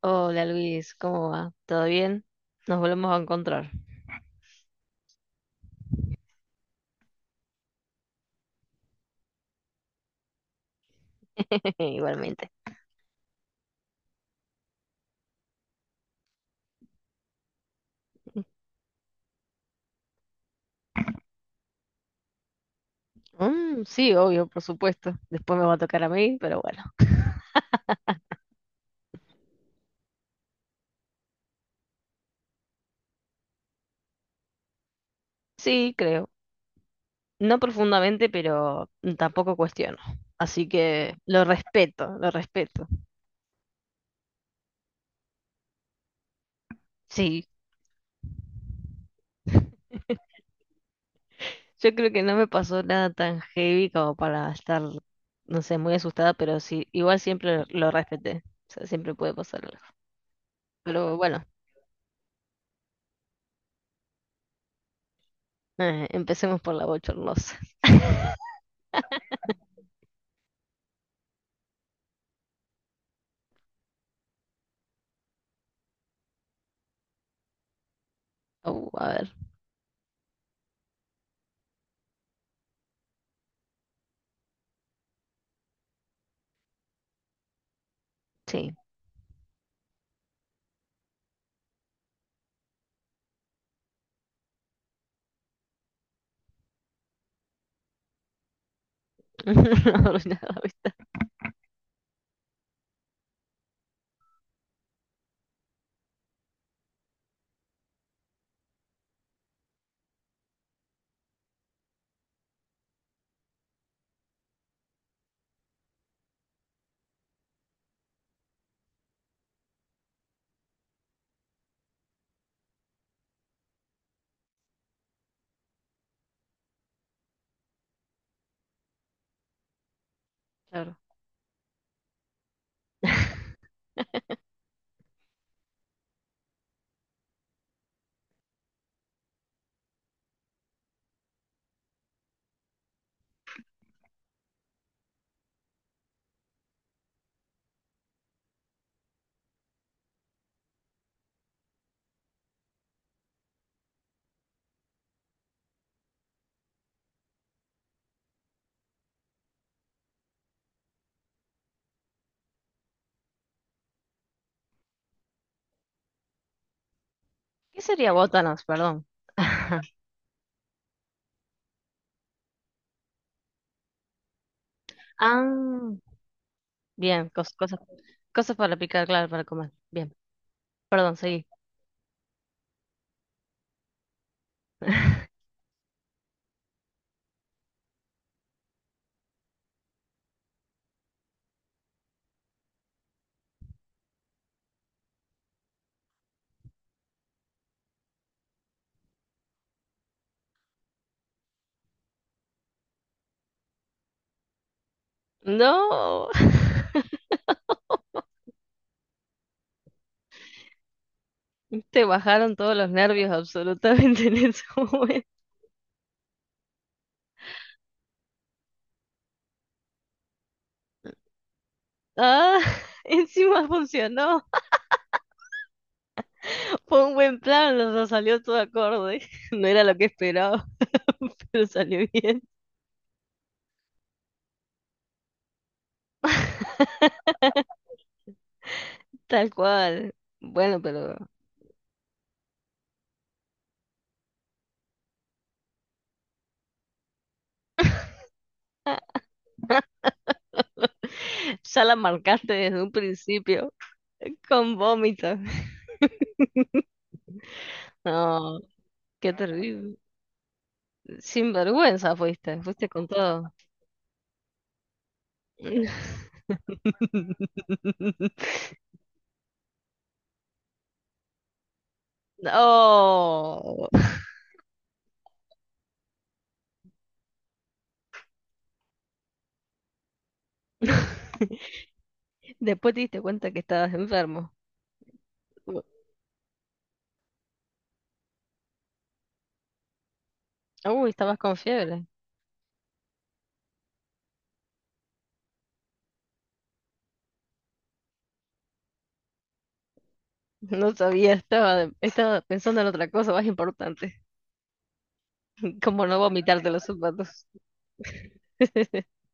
Hola Luis, ¿cómo va? ¿Todo bien? Nos volvemos a encontrar, igualmente. Mm, sí, obvio, por supuesto. Después me va a tocar a mí, pero bueno. Sí, creo. No profundamente, pero tampoco cuestiono. Así que lo respeto, lo respeto. Sí. Yo creo que no me pasó nada tan heavy como para estar, no sé, muy asustada, pero sí, igual siempre lo respeté. O sea, siempre puede pasar algo. Pero bueno, empecemos por la bochornosa. A ver, sí. Arruinar la vista, claro. ¿Qué sería botanas? Perdón. Ajá. Ah, bien, cosas, cosas para picar, claro, para comer. Bien, perdón, seguí. No, te bajaron todos los nervios absolutamente en ese momento. Ah, encima funcionó. Fue un buen plan, o sea, salió todo acorde. No era lo que esperaba, pero salió bien. Tal cual. Bueno, pero ya la marcaste desde un principio con vómito. No, qué terrible. Sin vergüenza fuiste, fuiste con todo. No. Después te diste cuenta que estabas enfermo. Uy, estabas con fiebre. No sabía, estaba pensando en otra cosa más importante, como no vomitarte los zapatos.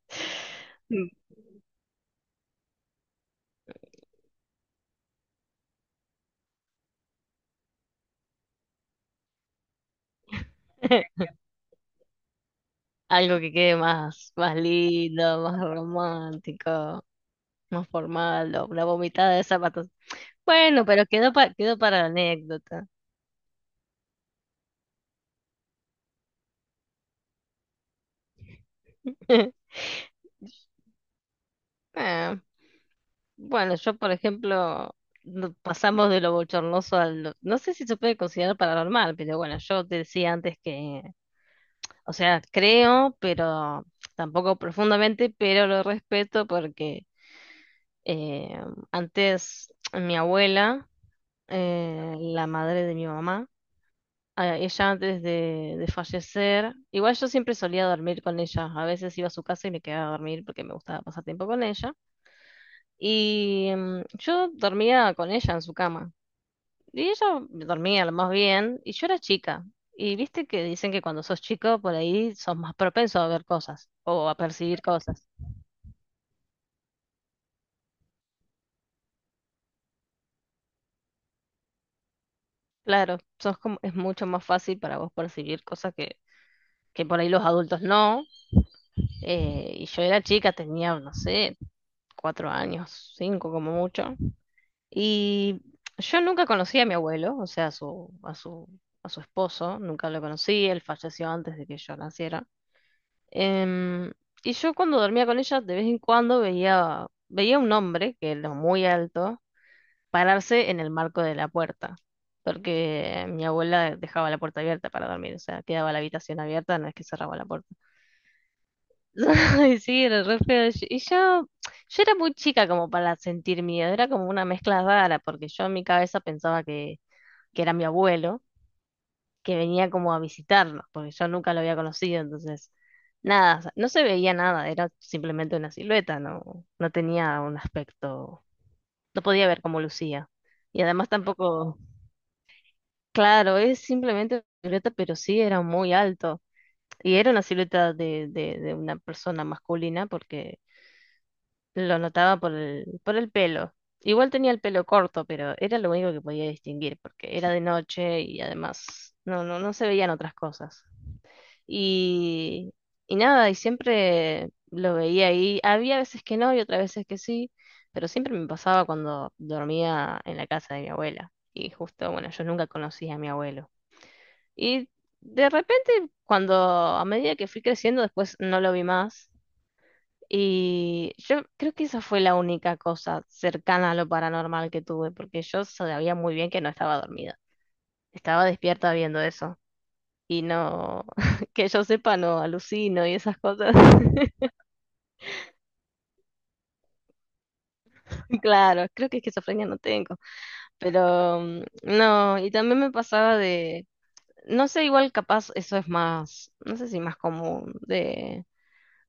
Algo que quede más, más lindo, más romántico, más formal, o la vomitada de zapatos. Bueno, pero quedó para la anécdota. Ah, bueno, yo, por ejemplo, pasamos de lo bochornoso al... No sé si se puede considerar paranormal, pero bueno, yo te decía antes que, o sea, creo, pero tampoco profundamente, pero lo respeto porque eh, antes mi abuela, la madre de mi mamá, a ella antes de fallecer. Igual yo siempre solía dormir con ella. A veces iba a su casa y me quedaba a dormir porque me gustaba pasar tiempo con ella. Y mm, yo dormía con ella en su cama. Y ella dormía lo más bien. Y yo era chica. Y viste que dicen que cuando sos chico, por ahí sos más propenso a ver cosas o a percibir cosas. Claro, sos como, es mucho más fácil para vos percibir cosas que por ahí los adultos no. Y yo era chica, tenía, no sé, cuatro años, cinco como mucho. Y yo nunca conocí a mi abuelo, o sea, a su esposo, nunca lo conocí, él falleció antes de que yo naciera. Em, y yo cuando dormía con ella, de vez en cuando veía un hombre, que era muy alto, pararse en el marco de la puerta, porque mi abuela dejaba la puerta abierta para dormir, o sea, quedaba la habitación abierta, no es que cerraba la puerta. Ay, sí, era re feo. Y yo, yo era muy chica como para sentir miedo, era como una mezcla rara, porque yo en mi cabeza pensaba que era mi abuelo, que venía como a visitarnos, porque yo nunca lo había conocido, entonces nada, o sea, no se veía nada, era simplemente una silueta, no, no tenía un aspecto, no podía ver cómo lucía. Y además tampoco, claro, es simplemente una silueta, pero sí era muy alto. Y era una silueta de una persona masculina porque lo notaba por el pelo. Igual tenía el pelo corto, pero era lo único que podía distinguir porque era de noche y además no, no, no se veían otras cosas. Y, y nada, y siempre lo veía ahí. Había veces que no y otras veces que sí, pero siempre me pasaba cuando dormía en la casa de mi abuela. Y justo, bueno, yo nunca conocí a mi abuelo. Y de repente, cuando a medida que fui creciendo, después no lo vi más. Y yo creo que esa fue la única cosa cercana a lo paranormal que tuve, porque yo sabía muy bien que no estaba dormida. Estaba despierta viendo eso y no, que yo sepa, no alucino y esas cosas. Claro, creo que esquizofrenia no tengo, pero mm, no, y también me pasaba de, no sé, igual capaz eso es más, no sé si más común,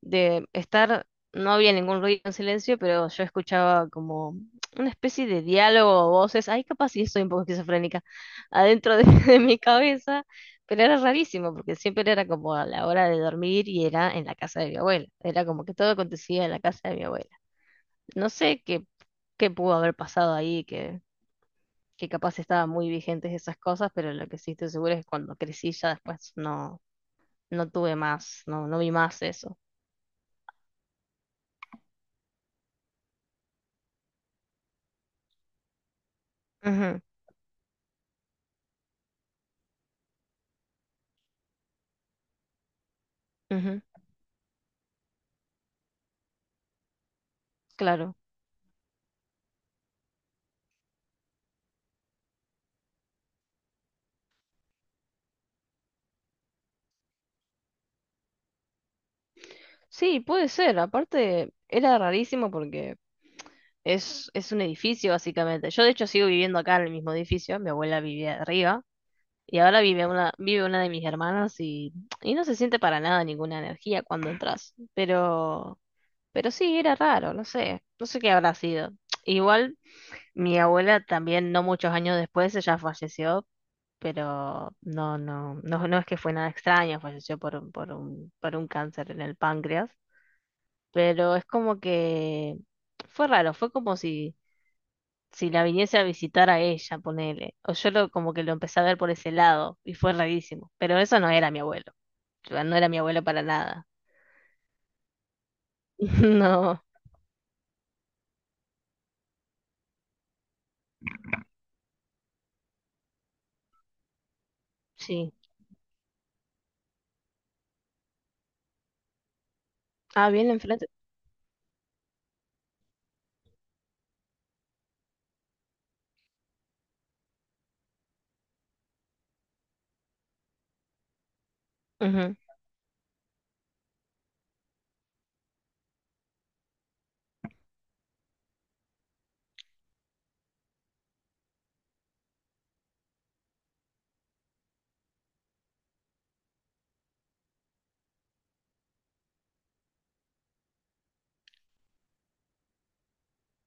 de estar, no había ningún ruido en silencio, pero yo escuchaba como una especie de diálogo o voces, ay, capaz sí estoy un poco esquizofrénica, adentro de, de mi cabeza, pero era rarísimo, porque siempre era como a la hora de dormir y era en la casa de mi abuela, era como que todo acontecía en la casa de mi abuela. No sé qué, qué pudo haber pasado ahí, que capaz estaban muy vigentes esas cosas, pero lo que sí estoy segura es que cuando crecí ya después no, no tuve más, no, no vi más eso. Ujú, ujú, claro. Sí, puede ser. Aparte, era rarísimo porque es un edificio, básicamente. Yo, de hecho, sigo viviendo acá en el mismo edificio. Mi abuela vivía arriba. Y ahora vive una de mis hermanas y no se siente para nada ninguna energía cuando entras. Pero sí, era raro, no sé. No sé qué habrá sido. Igual, mi abuela también, no muchos años después, ella falleció. Pero no, no, no, no es que fue nada extraño, falleció por un cáncer en el páncreas. Pero es como que fue raro, fue como si, si la viniese a visitar a ella, ponele. O yo lo, como que lo empecé a ver por ese lado y fue rarísimo. Pero eso no era mi abuelo. Yo- No era mi abuelo para nada. No, sí. Ah, bien enfrente. Ujú,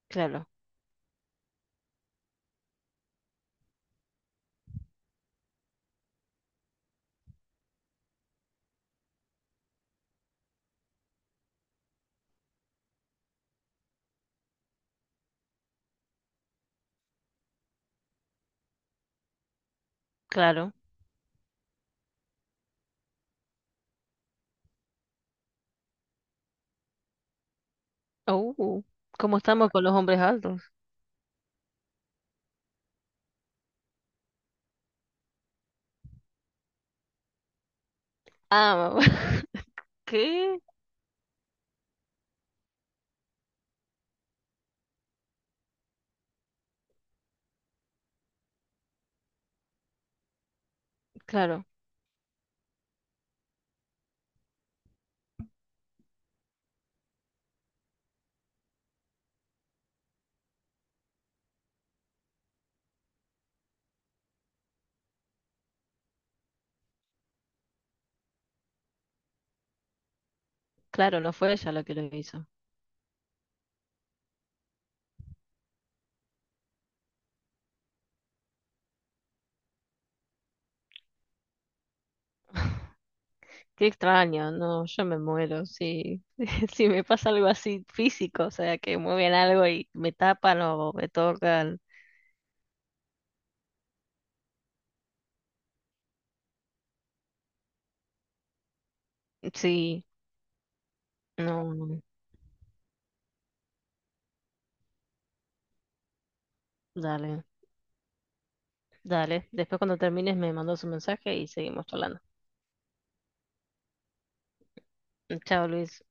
claro, claro. Uh, ¿Cómo estamos con los hombres altos? Ah, ¿qué? Claro, claro, no fue ella la que lo hizo. Qué extraño, no, yo me muero si, si me pasa algo así físico, o sea, que mueven algo y me tapan o me tocan. Sí, no, no, dale, dale. Después cuando termines me mandas un mensaje y seguimos hablando. Chao, Luis.